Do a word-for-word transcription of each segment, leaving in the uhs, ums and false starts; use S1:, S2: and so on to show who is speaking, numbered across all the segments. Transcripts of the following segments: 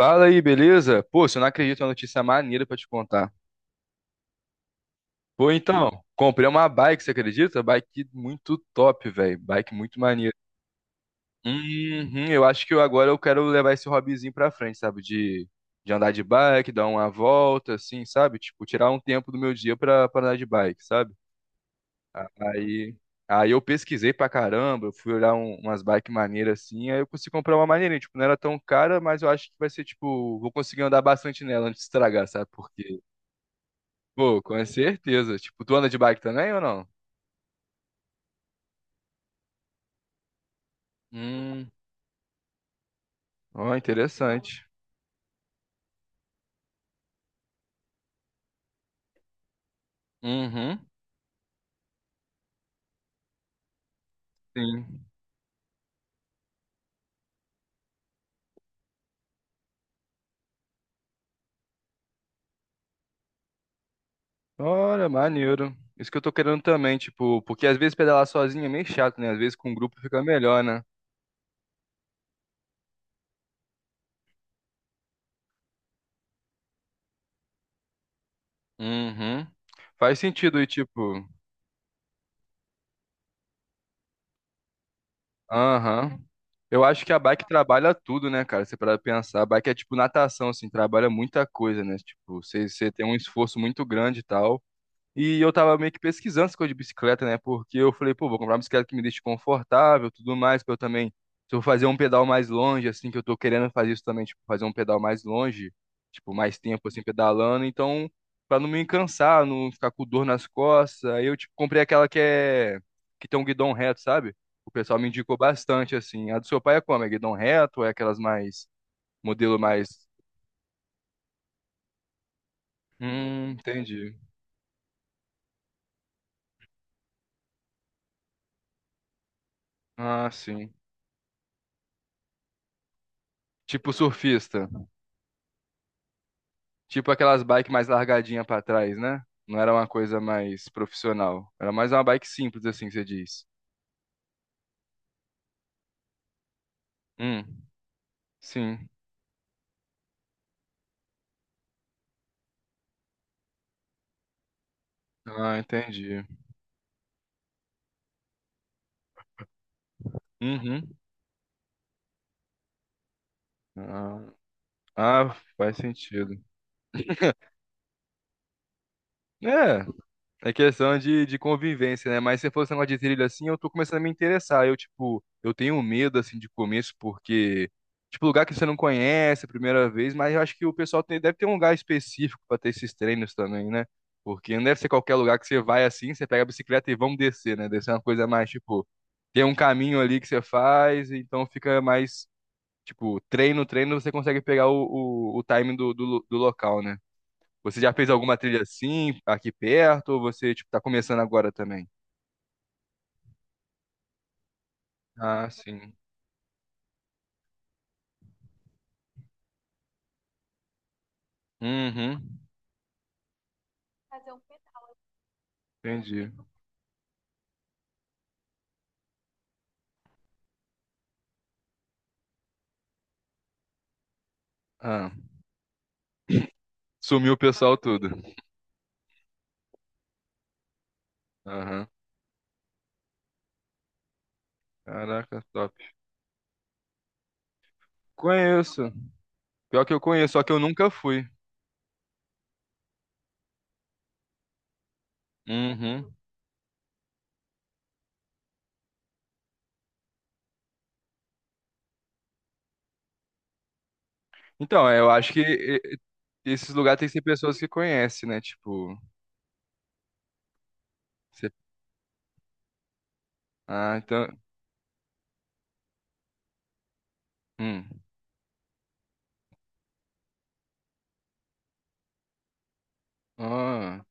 S1: Fala aí, beleza? Pô, se eu não acredito, é uma notícia maneira pra te contar. Pô, então, comprei uma bike, você acredita? Bike muito top, velho. Bike muito maneira. Uhum, eu acho que eu, agora eu quero levar esse hobbyzinho pra frente, sabe? De, de andar de bike, dar uma volta, assim, sabe? Tipo, tirar um tempo do meu dia pra, pra andar de bike, sabe? Aí, aí eu pesquisei pra caramba, eu fui olhar um- umas bikes maneiras assim, aí eu consegui comprar uma maneirinha. Tipo, não era tão cara, mas eu acho que vai ser, tipo, vou conseguir andar bastante nela antes de estragar, sabe? Porque pô, com certeza. Tipo, tu anda de bike também ou não? Hum, ó, interessante. Uhum, sim. Olha, maneiro. Isso que eu tô querendo também, tipo, porque às vezes pedalar sozinho é meio chato, né? Às vezes com um grupo fica melhor, né? Uhum. Faz sentido, e tipo, aham. Eu acho que a bike trabalha tudo, né, cara? Você para pensar, a bike é tipo natação, assim, trabalha muita coisa, né? Tipo, você você tem um esforço muito grande e tal. E eu tava meio que pesquisando essa coisa de bicicleta, né? Porque eu falei, pô, vou comprar uma bicicleta que me deixe confortável, tudo mais, pra eu também, se eu vou fazer um pedal mais longe, assim, que eu tô querendo fazer isso também, tipo, fazer um pedal mais longe, tipo, mais tempo, assim, pedalando, então, pra não me cansar, não ficar com dor nas costas, aí eu, tipo, comprei aquela que é, que tem um guidão reto, sabe? O pessoal me indicou bastante, assim. A do seu pai é como? É guidão reto ou é aquelas mais, modelo mais... Hum, entendi. Ah, sim. Tipo surfista. Tipo aquelas bikes mais largadinha pra trás, né? Não era uma coisa mais profissional. Era mais uma bike simples, assim, que você diz. Hum, sim. Ah, entendi. Uhum. Ah, ah, faz sentido. É, é questão de, de convivência, né? Mas se fosse esse negócio de trilha assim, eu tô começando a me interessar. Eu, tipo, eu tenho medo, assim, de começo, porque, tipo, lugar que você não conhece a primeira vez, mas eu acho que o pessoal tem- deve ter um lugar específico pra ter esses treinos também, né? Porque não deve ser qualquer lugar que você vai assim, você pega a bicicleta e vamos descer, né? Deve ser uma coisa mais, tipo, tem um caminho ali que você faz, então fica mais, tipo, treino, treino, você consegue pegar o, o, o timing do, do, lo- do local, né? Você já fez alguma trilha assim, aqui perto, ou você, tipo, tá começando agora também? Ah, sim. Uhum, entendi. Ah, sumiu o pessoal tudo. Aham. Caraca, top. Conheço. Pior que eu conheço, só que eu nunca fui. Uhum. Então, é, eu acho que e- e- esses lugares tem que ser pessoas que conhecem, né? Tipo, você... Ah, então... Hum. Ah,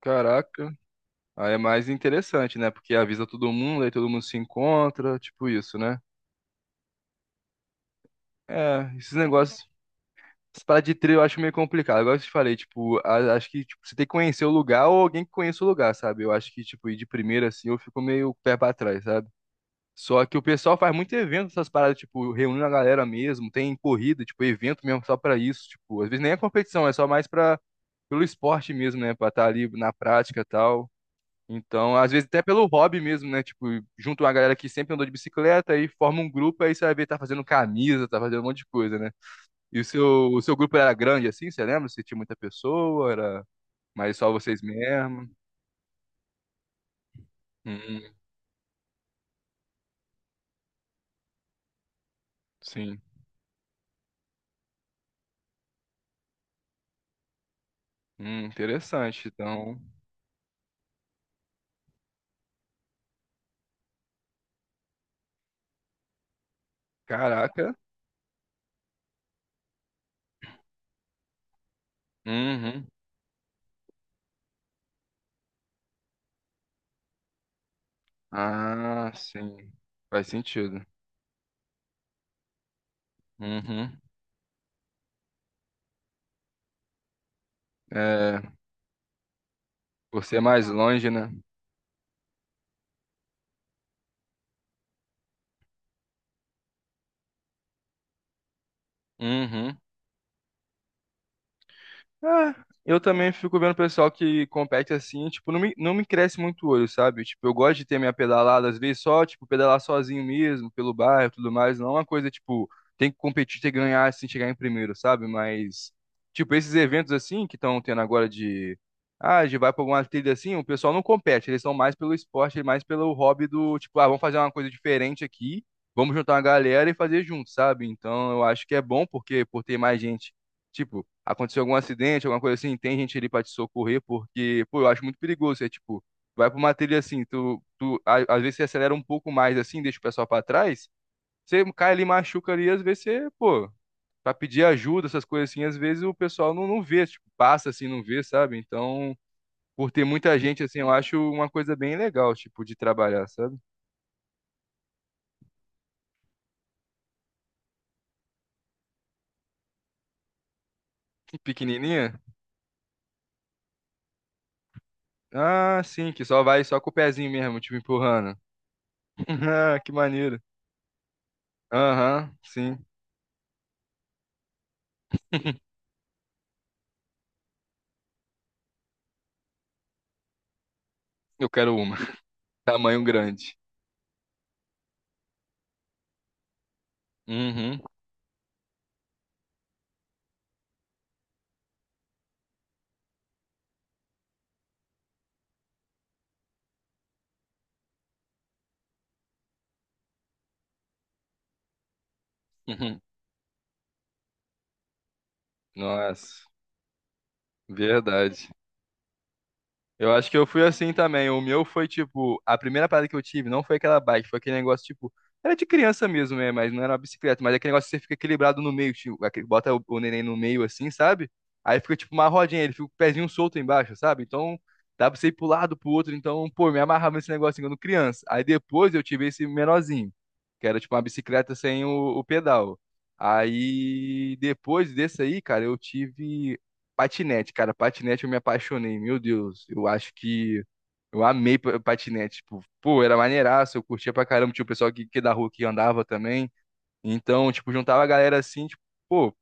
S1: caraca. Aí é mais interessante, né? Porque avisa todo mundo, aí todo mundo se encontra, tipo isso, né? É, esses negócios... Essa parada de trilha eu acho meio complicado. Agora que eu te falei, tipo, a- acho que tipo, você tem que conhecer o lugar ou alguém que conheça o lugar, sabe? Eu acho que, tipo, ir de primeira assim, eu fico meio pé pra trás, sabe? Só que o pessoal faz muito evento, essas paradas, tipo, reunindo a galera mesmo, tem corrida, tipo, evento mesmo só pra isso, tipo, às vezes nem é competição, é só mais pra, pelo esporte mesmo, né? Pra estar ali na prática e tal. Então, às vezes até pelo hobby mesmo, né? Tipo, junto uma galera que sempre andou de bicicleta e forma um grupo, aí você vai ver, tá fazendo camisa, tá fazendo um monte de coisa, né? E o seu, o seu grupo era grande assim, você lembra? Você tinha muita pessoa, era mais só vocês mesmo? Hum, sim. Hum, interessante. Então, caraca. Uhum. Ah, sim. Faz sentido. Uhum. É, você é mais longe, né? Uhum. É, eu também fico vendo o pessoal que compete assim, tipo, não me, não me cresce muito o olho, sabe? Tipo, eu gosto de ter minha pedalada, às vezes só, tipo, pedalar sozinho mesmo, pelo bairro e tudo mais, não é uma coisa, tipo, tem que competir, tem que ganhar, assim, chegar em primeiro, sabe? Mas, tipo, esses eventos assim que estão tendo agora de, ah, de vai pra alguma trilha assim, o pessoal não compete, eles são mais pelo esporte, mais pelo hobby do, tipo, ah, vamos fazer uma coisa diferente aqui, vamos juntar uma galera e fazer junto, sabe? Então, eu acho que é bom porque, por ter mais gente, tipo, aconteceu algum acidente, alguma coisa assim, tem gente ali pra te socorrer, porque, pô, eu acho muito perigoso. É tipo, vai pra uma trilha assim, tu, tu a- às vezes você acelera um pouco mais assim, deixa o pessoal pra trás, você cai ali, machuca ali, às vezes você, pô, pra pedir ajuda, essas coisas assim, às vezes o pessoal não, não vê, tipo, passa assim, não vê, sabe? Então, por ter muita gente assim, eu acho uma coisa bem legal, tipo, de trabalhar, sabe? Pequenininha. Ah, sim, que só vai só com o pezinho mesmo, tipo, empurrando. Ah, que maneiro. Aham, sim. Eu quero uma. Tamanho grande. Uhum, uhum. Nossa, verdade. Eu acho que eu fui assim também. O meu foi tipo, a primeira parada que eu tive não foi aquela bike, foi aquele negócio tipo, era de criança mesmo, né? Mas não era uma bicicleta, mas é aquele negócio que você fica equilibrado no meio, tipo, aquele- bota o, o neném no meio assim, sabe? Aí fica tipo uma rodinha, ele fica com o pezinho solto embaixo, sabe? Então dá pra você ir pro lado, pro outro. Então, pô, me amarrava nesse negócio assim, quando criança. Aí depois eu tive esse menorzinho, que era tipo uma bicicleta sem o, o pedal. Aí depois desse aí, cara, eu tive. Patinete, cara, patinete eu me apaixonei, meu Deus. Eu acho que eu amei pa- patinete, tipo, pô, era maneiraço, eu curtia pra caramba, tinha o pessoal que, que da rua que andava também. Então, tipo, juntava a galera assim, tipo, pô,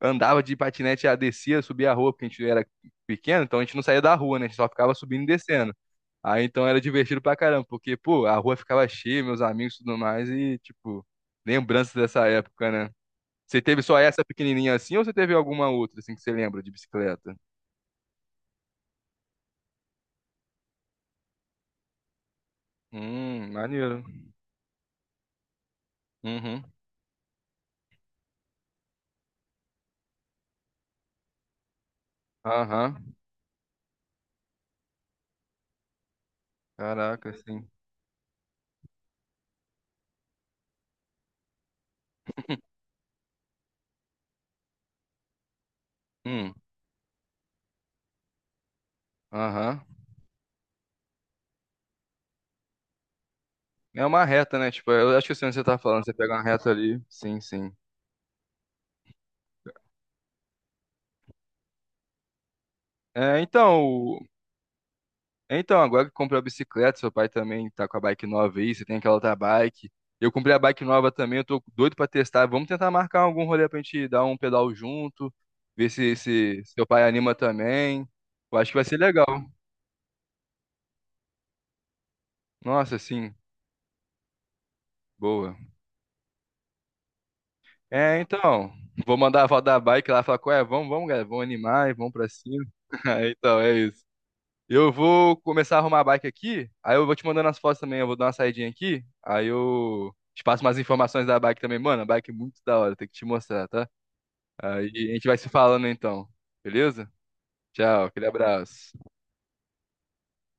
S1: andava de patinete, já descia, subia a rua, porque a gente era pequeno, então a gente não saía da rua, né? A gente só ficava subindo e descendo. Aí então era divertido pra caramba, porque, pô, a rua ficava cheia, meus amigos e tudo mais, e, tipo, lembranças dessa época, né? Você teve só essa pequenininha assim ou você teve alguma outra assim que você lembra de bicicleta? Hum, maneiro. Uhum. Aham. Caraca, sim. Hum. Aham. É uma reta, né? Tipo, eu acho que eu sei onde você tá falando. Você pega uma reta ali. Sim, sim. É, então, o- então, agora que comprou a bicicleta, seu pai também tá com a bike nova aí, você tem aquela outra bike. Eu comprei a bike nova também, eu tô doido pra testar. Vamos tentar marcar algum rolê pra gente dar um pedal junto, ver se, se seu pai anima também. Eu acho que vai ser legal. Nossa, sim, boa. É, então, vou mandar a avó da bike lá falar, ué, vamos, vamos, galera, vamos animar, e vamos pra cima. Aí, então, é isso. Eu vou começar a arrumar a bike aqui, aí eu vou te mandando as fotos também, eu vou dar uma saidinha aqui, aí eu te passo umas informações da bike também. Mano, a bike é muito da hora, tem que te mostrar, tá? Aí a gente vai se falando então, beleza? Tchau, aquele abraço.